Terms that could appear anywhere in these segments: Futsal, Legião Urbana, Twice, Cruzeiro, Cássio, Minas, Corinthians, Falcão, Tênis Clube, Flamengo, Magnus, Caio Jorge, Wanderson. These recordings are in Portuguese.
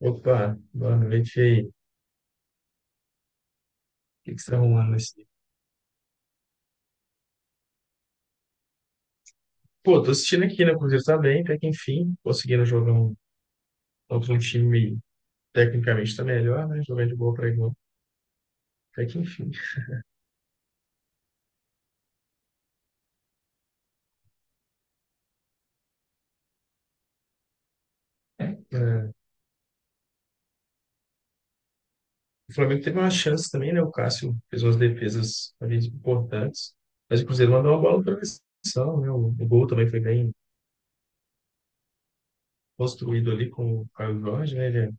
Opa, boa noite aí. O que você tá arrumando nesse... Pô, tô assistindo aqui, né? O Cruzeiro tá bem, até que enfim, conseguindo jogar um, contra um time tecnicamente tá melhor, né? Jogar de boa pra igual, até que enfim. É. é, O Flamengo teve uma chance também, né? O Cássio fez umas defesas talvez importantes, mas o Cruzeiro mandou uma bola na travessão, né? O gol também foi bem construído ali com o Caio Jorge, né? Ele é,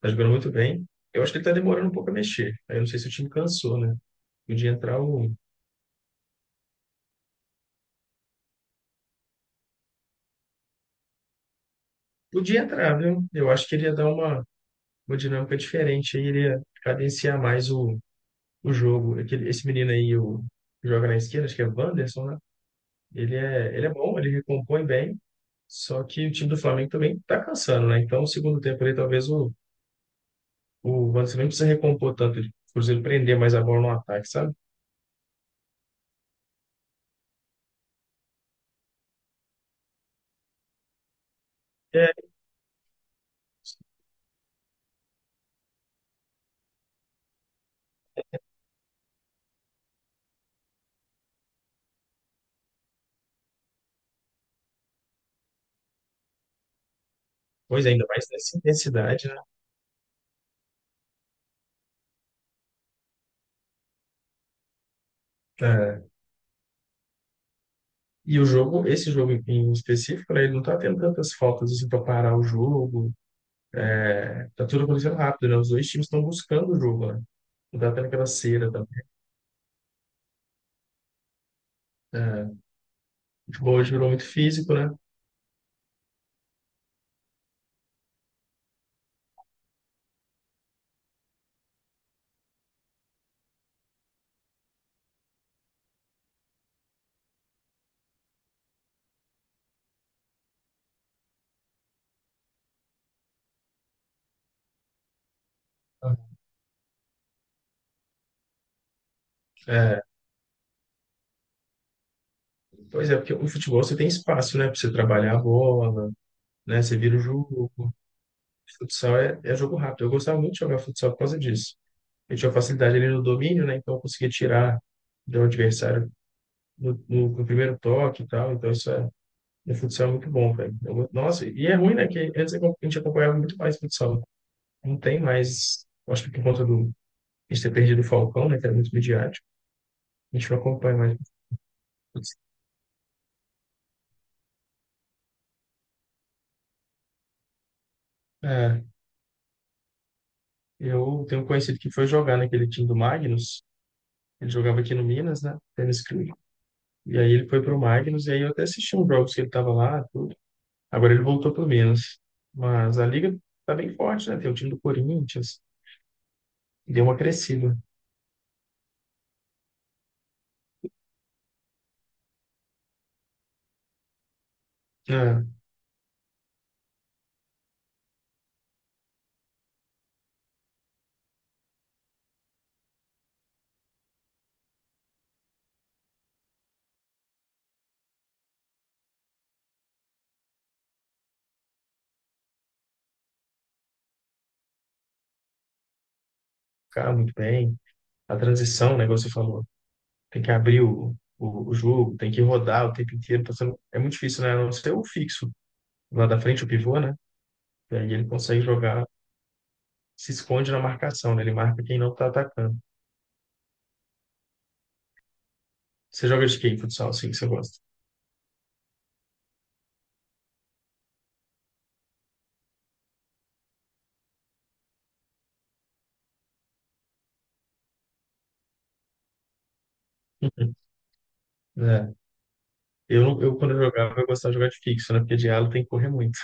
tá jogando muito bem. Eu acho que ele tá demorando um pouco a mexer. Aí eu não sei se o time cansou, né? Podia entrar o... Podia entrar, viu? Eu acho que ele ia dar uma dinâmica diferente aí, ele ia cadenciar mais o jogo. Aquele, esse menino aí, o, que joga na esquerda, acho que é o Wanderson, né? Ele é bom, ele recompõe bem, só que o time do Flamengo também tá cansando, né? Então, o segundo tempo ali, talvez o Wanderson nem precisa recompor tanto, ele, por exemplo, prender mais a bola no ataque, sabe? É. Pois é, ainda mais nessa intensidade, né? É. E o jogo, esse jogo em específico, né, ele não tá tendo tantas faltas assim para parar o jogo. É, tá tudo acontecendo rápido, né? Os dois times estão buscando o jogo, né? Dá até naquela cera também. É, o futebol hoje virou muito físico, né? Ah, é, pois é, porque o futebol você tem espaço, né? Pra você trabalhar a bola, né? Você vira o jogo. O futsal é, é jogo rápido. Eu gostava muito de jogar futsal por causa disso. Eu tinha facilidade ali no domínio, né? Então eu conseguia tirar do adversário no primeiro toque e tal. Então isso é, no futsal é muito bom, velho. Eu go- Nossa, e é ruim, né? Que antes a gente acompanhava muito mais futsal. Não tem mais, acho que por conta do, a gente ter perdido o Falcão, né? Que era muito midiático. A gente não acompanha mais. É, eu tenho um conhecido que foi jogar naquele time do Magnus. Ele jogava aqui no Minas, né? Tênis Clube. E aí ele foi pro Magnus, e aí eu até assisti uns jogos que ele tava lá, tudo. Agora ele voltou pro Minas. Mas a liga tá bem forte, né? Tem o time do Corinthians, deu uma crescida. Né? Cara, muito bem. A transição, né, igual você falou, tem que abrir o jogo, tem que rodar o tempo inteiro. Tá sendo- É muito difícil, né? A não ser o fixo lá da frente, o pivô, né? E aí ele consegue jogar, se esconde na marcação, né? Ele marca quem não tá atacando. Você joga de quem, futsal, assim, que você gosta? É. Eu, não- eu, Quando eu jogava, eu gostava de jogar de fixo, né? Porque de ala tem que correr muito.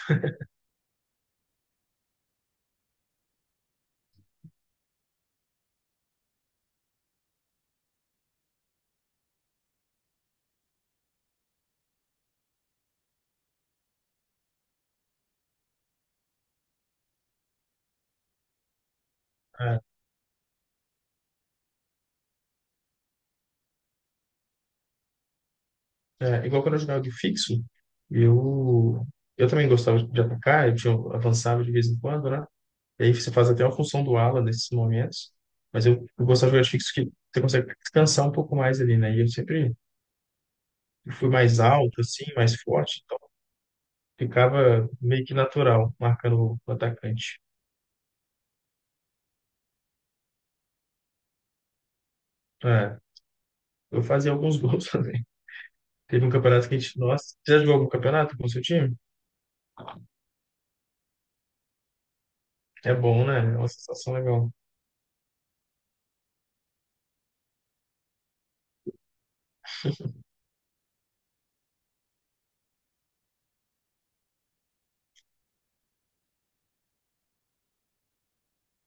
É, Igual quando eu jogava de fixo, eu, eu também gostava de atacar, eu tinha, avançava de vez em quando, né? E aí você faz até uma função do ala nesses momentos, mas eu gostava de jogar de fixo que você consegue descansar um pouco mais ali, né? E eu sempre fui mais alto, assim, mais forte, então ficava meio que natural, marcando o atacante. É, eu fazia alguns gols. Teve um campeonato que a gente. Nossa, você já jogou algum campeonato com o seu time? É bom, né? É uma sensação legal.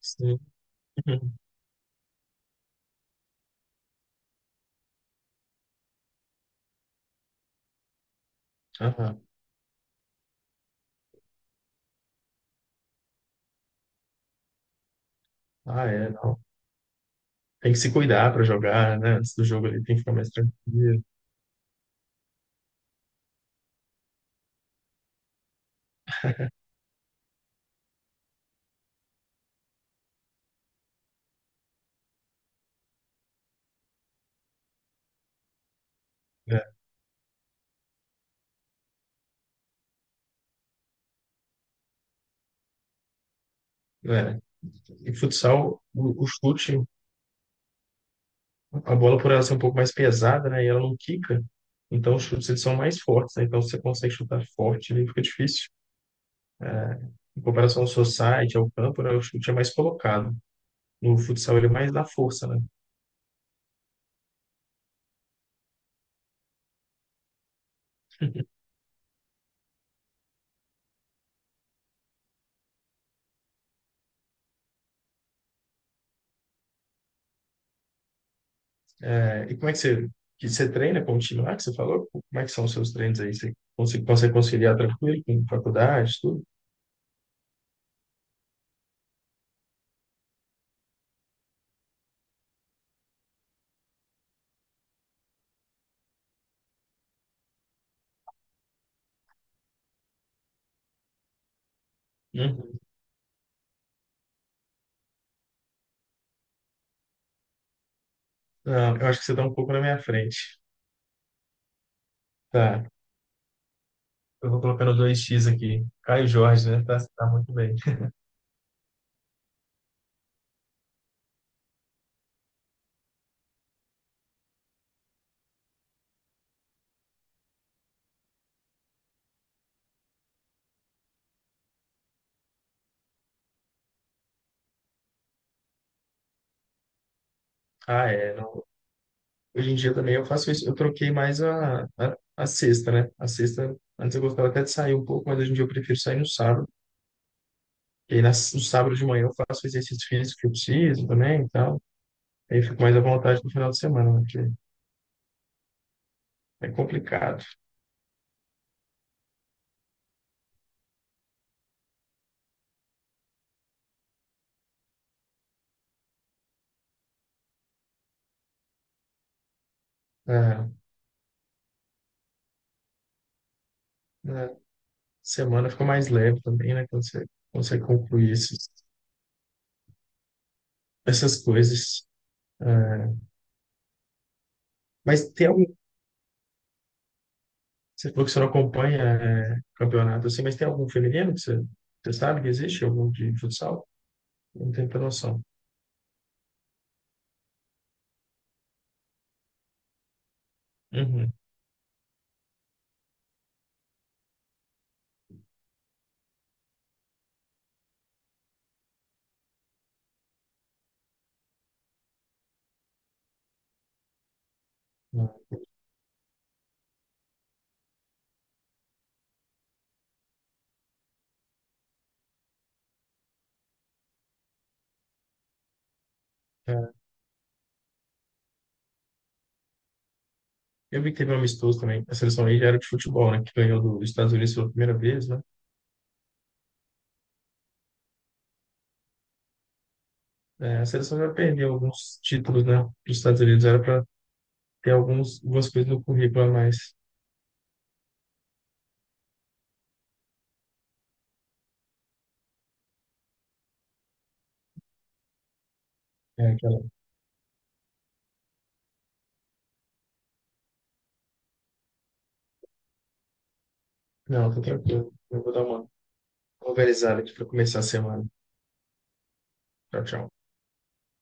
Sim. Uhum. Aham. Ah, é, não. Tem que se cuidar para jogar, né? Antes do jogo ali tem que ficar mais tranquilo. Né? É. E futsal, o chute, a bola por ela ser um pouco mais pesada, né? E ela não quica. Então os chutes eles são mais fortes, né? Então se você consegue chutar forte, ali fica difícil. É. Em comparação ao society, ao campo, né? O chute é mais colocado. No futsal ele é mais da força, né? É, e como é que você treina com o time lá que você falou? Como é que são os seus treinos aí? Você consegue, consegue conciliar tranquilo com faculdade, tudo? Uhum. Não, eu acho que você está um pouco na minha frente. Tá. Eu vou colocando dois x aqui. Caio Jorge, né? Tá, tá muito bem. Ah, é. Não. Hoje em dia também eu faço isso. Eu troquei mais a sexta, né? A sexta, antes eu gostava até de sair um pouco, mas hoje em dia eu prefiro sair no sábado. E aí nas- no sábado de manhã eu faço o exercício físico que eu preciso também e tal. Aí eu fico mais à vontade no final de semana, né? Porque é complicado. É, né, semana fica mais leve também, né? Quando você consegue concluir esses, essas coisas. É, mas tem algum. Você falou que você não acompanha é, campeonato assim, mas tem algum feminino que você, você sabe que existe? Algum de futsal? Não tenho muita noção. Uhum. Não. É, eu vi que teve um amistoso também. A seleção aí já era de futebol, né? Que ganhou do- dos Estados Unidos pela primeira vez, né? É, a seleção já perdeu alguns títulos, né? Dos Estados Unidos era para ter alguns, algumas coisas no currículo a mais. É, aquela... Não, tô tranquilo. Eu vou dar uma. Vou organizar aqui para começar a semana. Tchau, tchau.